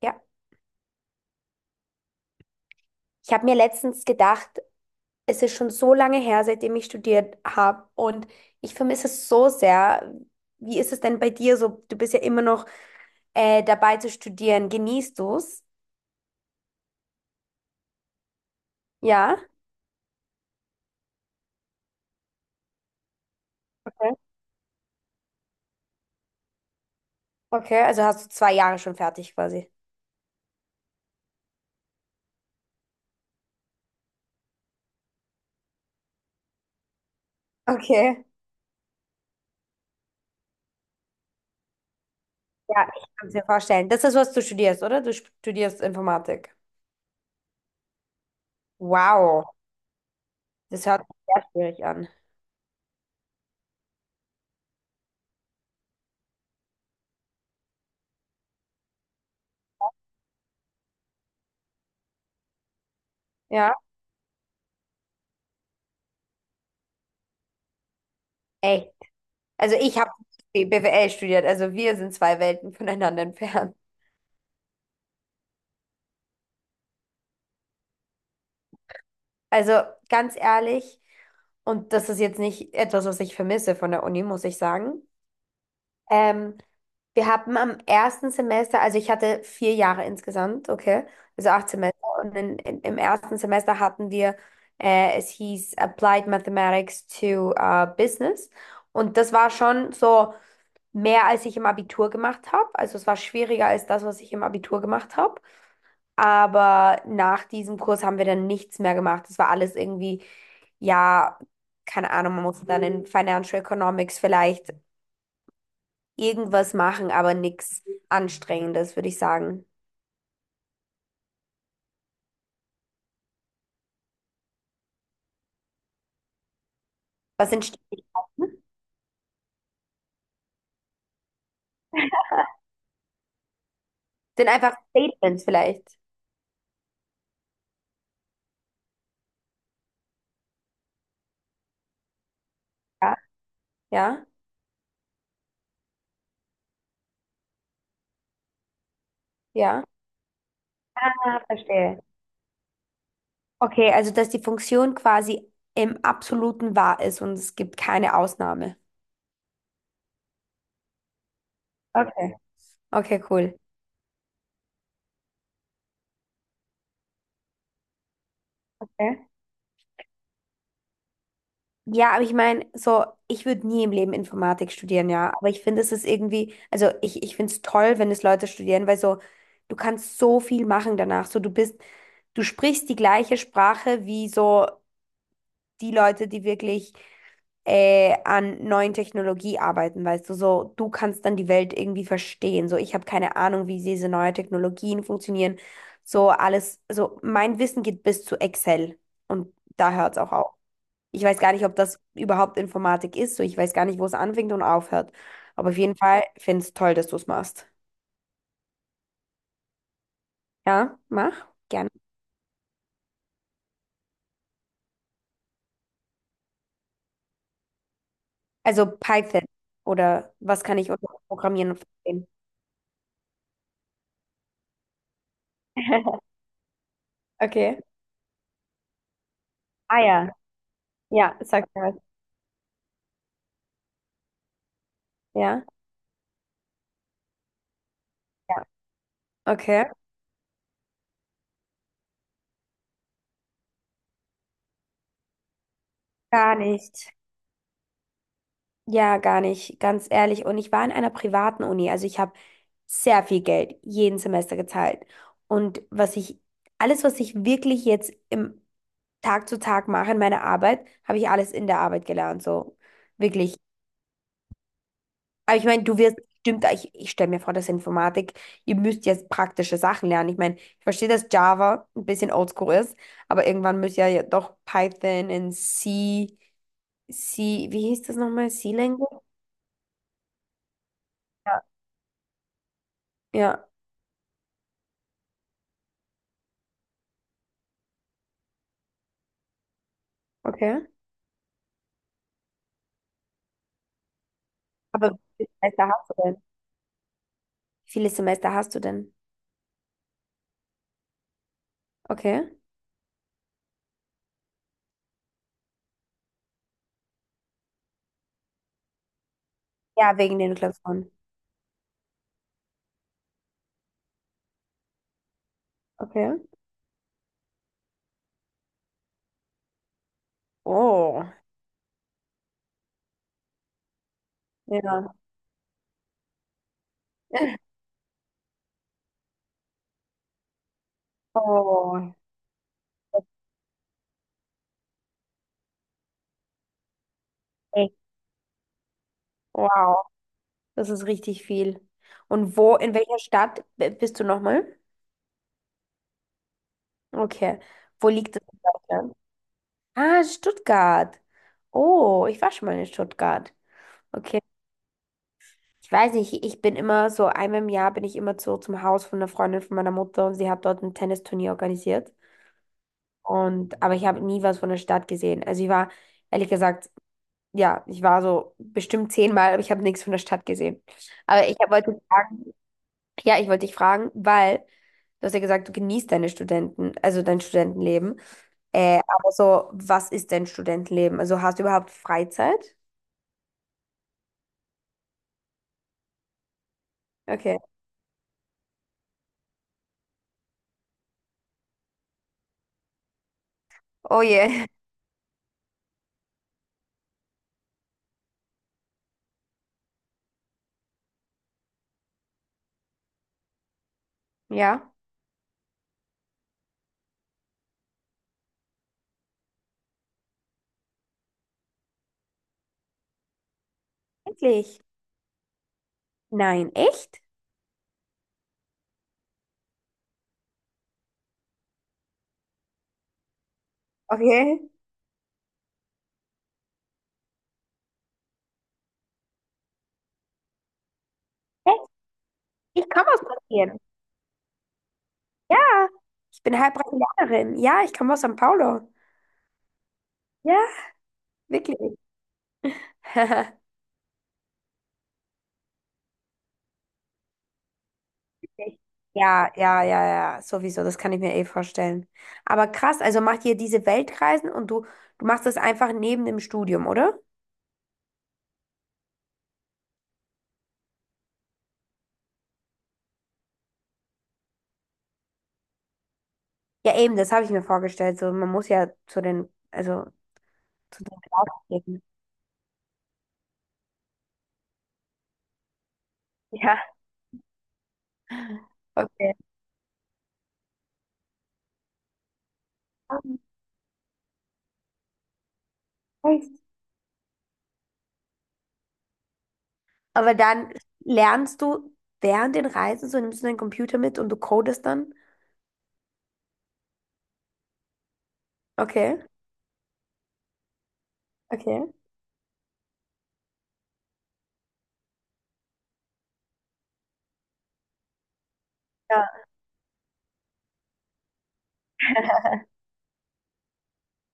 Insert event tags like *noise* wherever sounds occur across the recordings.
Ja, ich habe mir letztens gedacht, es ist schon so lange her, seitdem ich studiert habe und ich vermisse es so sehr. Wie ist es denn bei dir so? Du bist ja immer noch dabei zu studieren. Genießt du es? Ja, okay. Okay, also hast du zwei Jahre schon fertig quasi. Okay. Ja, ich kann es mir vorstellen. Das ist, was du studierst, oder? Du studierst Informatik. Wow, das hört sich sehr schwierig an. Ja, echt. Also ich habe BWL studiert, also wir sind zwei Welten voneinander entfernt. Also ganz ehrlich, und das ist jetzt nicht etwas, was ich vermisse von der Uni, muss ich sagen. Ähm, wir hatten am ersten Semester, also ich hatte vier Jahre insgesamt, okay, also acht Semester. Und im ersten Semester hatten wir, es hieß Applied Mathematics to Business. Und das war schon so mehr, als ich im Abitur gemacht habe. Also es war schwieriger als das, was ich im Abitur gemacht habe. Aber nach diesem Kurs haben wir dann nichts mehr gemacht. Das war alles irgendwie, ja, keine Ahnung, man musste dann in Financial Economics vielleicht irgendwas machen, aber nichts Anstrengendes, würde ich sagen. Was sind Stetigkeiten? Sind einfach Statements vielleicht. Ja, ja, ja. Ah, verstehe. Okay, also dass die Funktion quasi im absoluten Wahr ist und es gibt keine Ausnahme. Okay. Okay, cool. Okay. Ja, aber ich meine, so, ich würde nie im Leben Informatik studieren, ja. Aber ich finde, es ist irgendwie, also ich finde es toll, wenn es Leute studieren, weil so, du kannst so viel machen danach. So, du bist, du sprichst die gleiche Sprache wie so die Leute, die wirklich an neuen Technologie arbeiten, weißt du, so, du kannst dann die Welt irgendwie verstehen. So, ich habe keine Ahnung, wie diese neuen Technologien funktionieren. So, alles, also mein Wissen geht bis zu Excel und da hört es auch auf. Ich weiß gar nicht, ob das überhaupt Informatik ist. So, ich weiß gar nicht, wo es anfängt und aufhört. Aber auf jeden Fall finde ich es toll, dass du es machst. Ja, mach. Gerne. Also Python oder was kann ich unter Programmieren verstehen? *laughs* Okay. Ah ja. Ja, sag mir was. Ja. Ja. Okay. Gar nicht. Ja, gar nicht, ganz ehrlich. Und ich war in einer privaten Uni, also ich habe sehr viel Geld jeden Semester gezahlt. Und was ich, alles, was ich wirklich jetzt im Tag zu Tag mache in meiner Arbeit, habe ich alles in der Arbeit gelernt, so wirklich. Aber ich meine, du wirst bestimmt, ich stelle mir vor, dass Informatik, ihr müsst jetzt praktische Sachen lernen. Ich meine, ich verstehe, dass Java ein bisschen oldschool ist, aber irgendwann müsst ihr ja doch Python und C, wie hieß das nochmal? C-Language? Ja. Ja, okay. Aber wie viele Semester hast du denn? Wie viele Semester hast du denn? Okay. Ja, wegen den Klausuren. Okay. Oh, ja. *laughs* Oh, echt. Wow. Das ist richtig viel. Und wo, in welcher Stadt bist du nochmal? Okay. Wo liegt das in Deutschland? Ah, Stuttgart. Oh, ich war schon mal in Stuttgart. Okay. Ich weiß nicht, ich bin immer so, einmal im Jahr bin ich immer so zum Haus von einer Freundin von meiner Mutter und sie hat dort ein Tennisturnier organisiert. Und, aber ich habe nie was von der Stadt gesehen. Also ich war, ehrlich gesagt, ja, ich war so bestimmt zehnmal, aber ich habe nichts von der Stadt gesehen. Aber wollte fragen, ja, ich wollte dich fragen, weil du hast ja gesagt, du genießt deine Studenten, also dein Studentenleben. Aber so, was ist dein Studentenleben? Also hast du überhaupt Freizeit? Okay. Oh je. *laughs* Ja. Wirklich? Nein, echt? Okay. Echt? Ich komme aus Brasilien. Ja, ich bin halb Brasilianerin. Ja, ich komme aus São Paulo. Ja, wirklich. *laughs* Ja, ja, ja, ja, sowieso, das kann ich mir eh vorstellen. Aber krass, also macht ihr diese Weltreisen und du machst das einfach neben dem Studium, oder? Ja, eben, das habe ich mir vorgestellt. So, man muss ja zu den, also zu den Auftritten. Ja, okay. Ah, nice. Aber dann lernst du während den Reisen, so nimmst du deinen Computer mit und du codest dann. Okay, okay. Ja,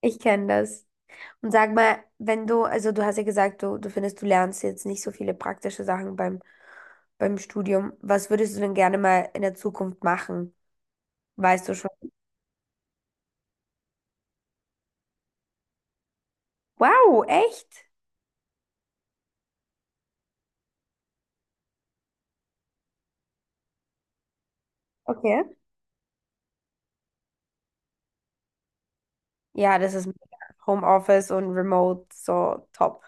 ich kenne das. Und sag mal, wenn du, also du hast ja gesagt, du findest, du lernst jetzt nicht so viele praktische Sachen beim, beim Studium. Was würdest du denn gerne mal in der Zukunft machen? Weißt du schon? Wow, echt? Okay. Ja, das ist mega. Homeoffice und Remote, so top.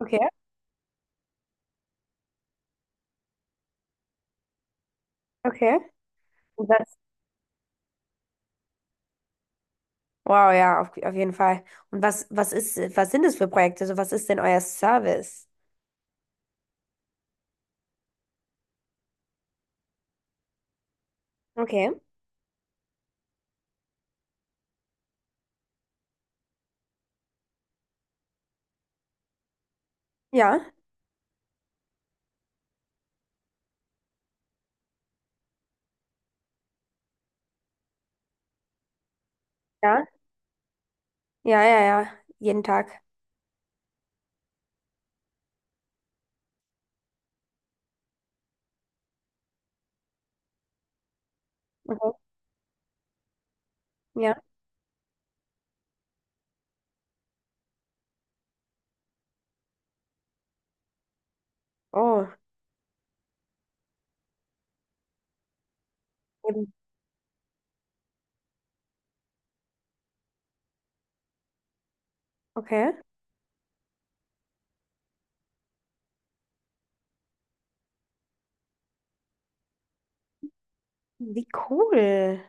Okay, okay. Und was? Wow, ja, auf jeden Fall. Und was, was ist, was sind das für Projekte? Also was ist denn euer Service? Okay. Ja. Ja. Ja, ja, ja. Jeden Tag. Okay. Ja. Oh. Eben. Okay. Wie cool.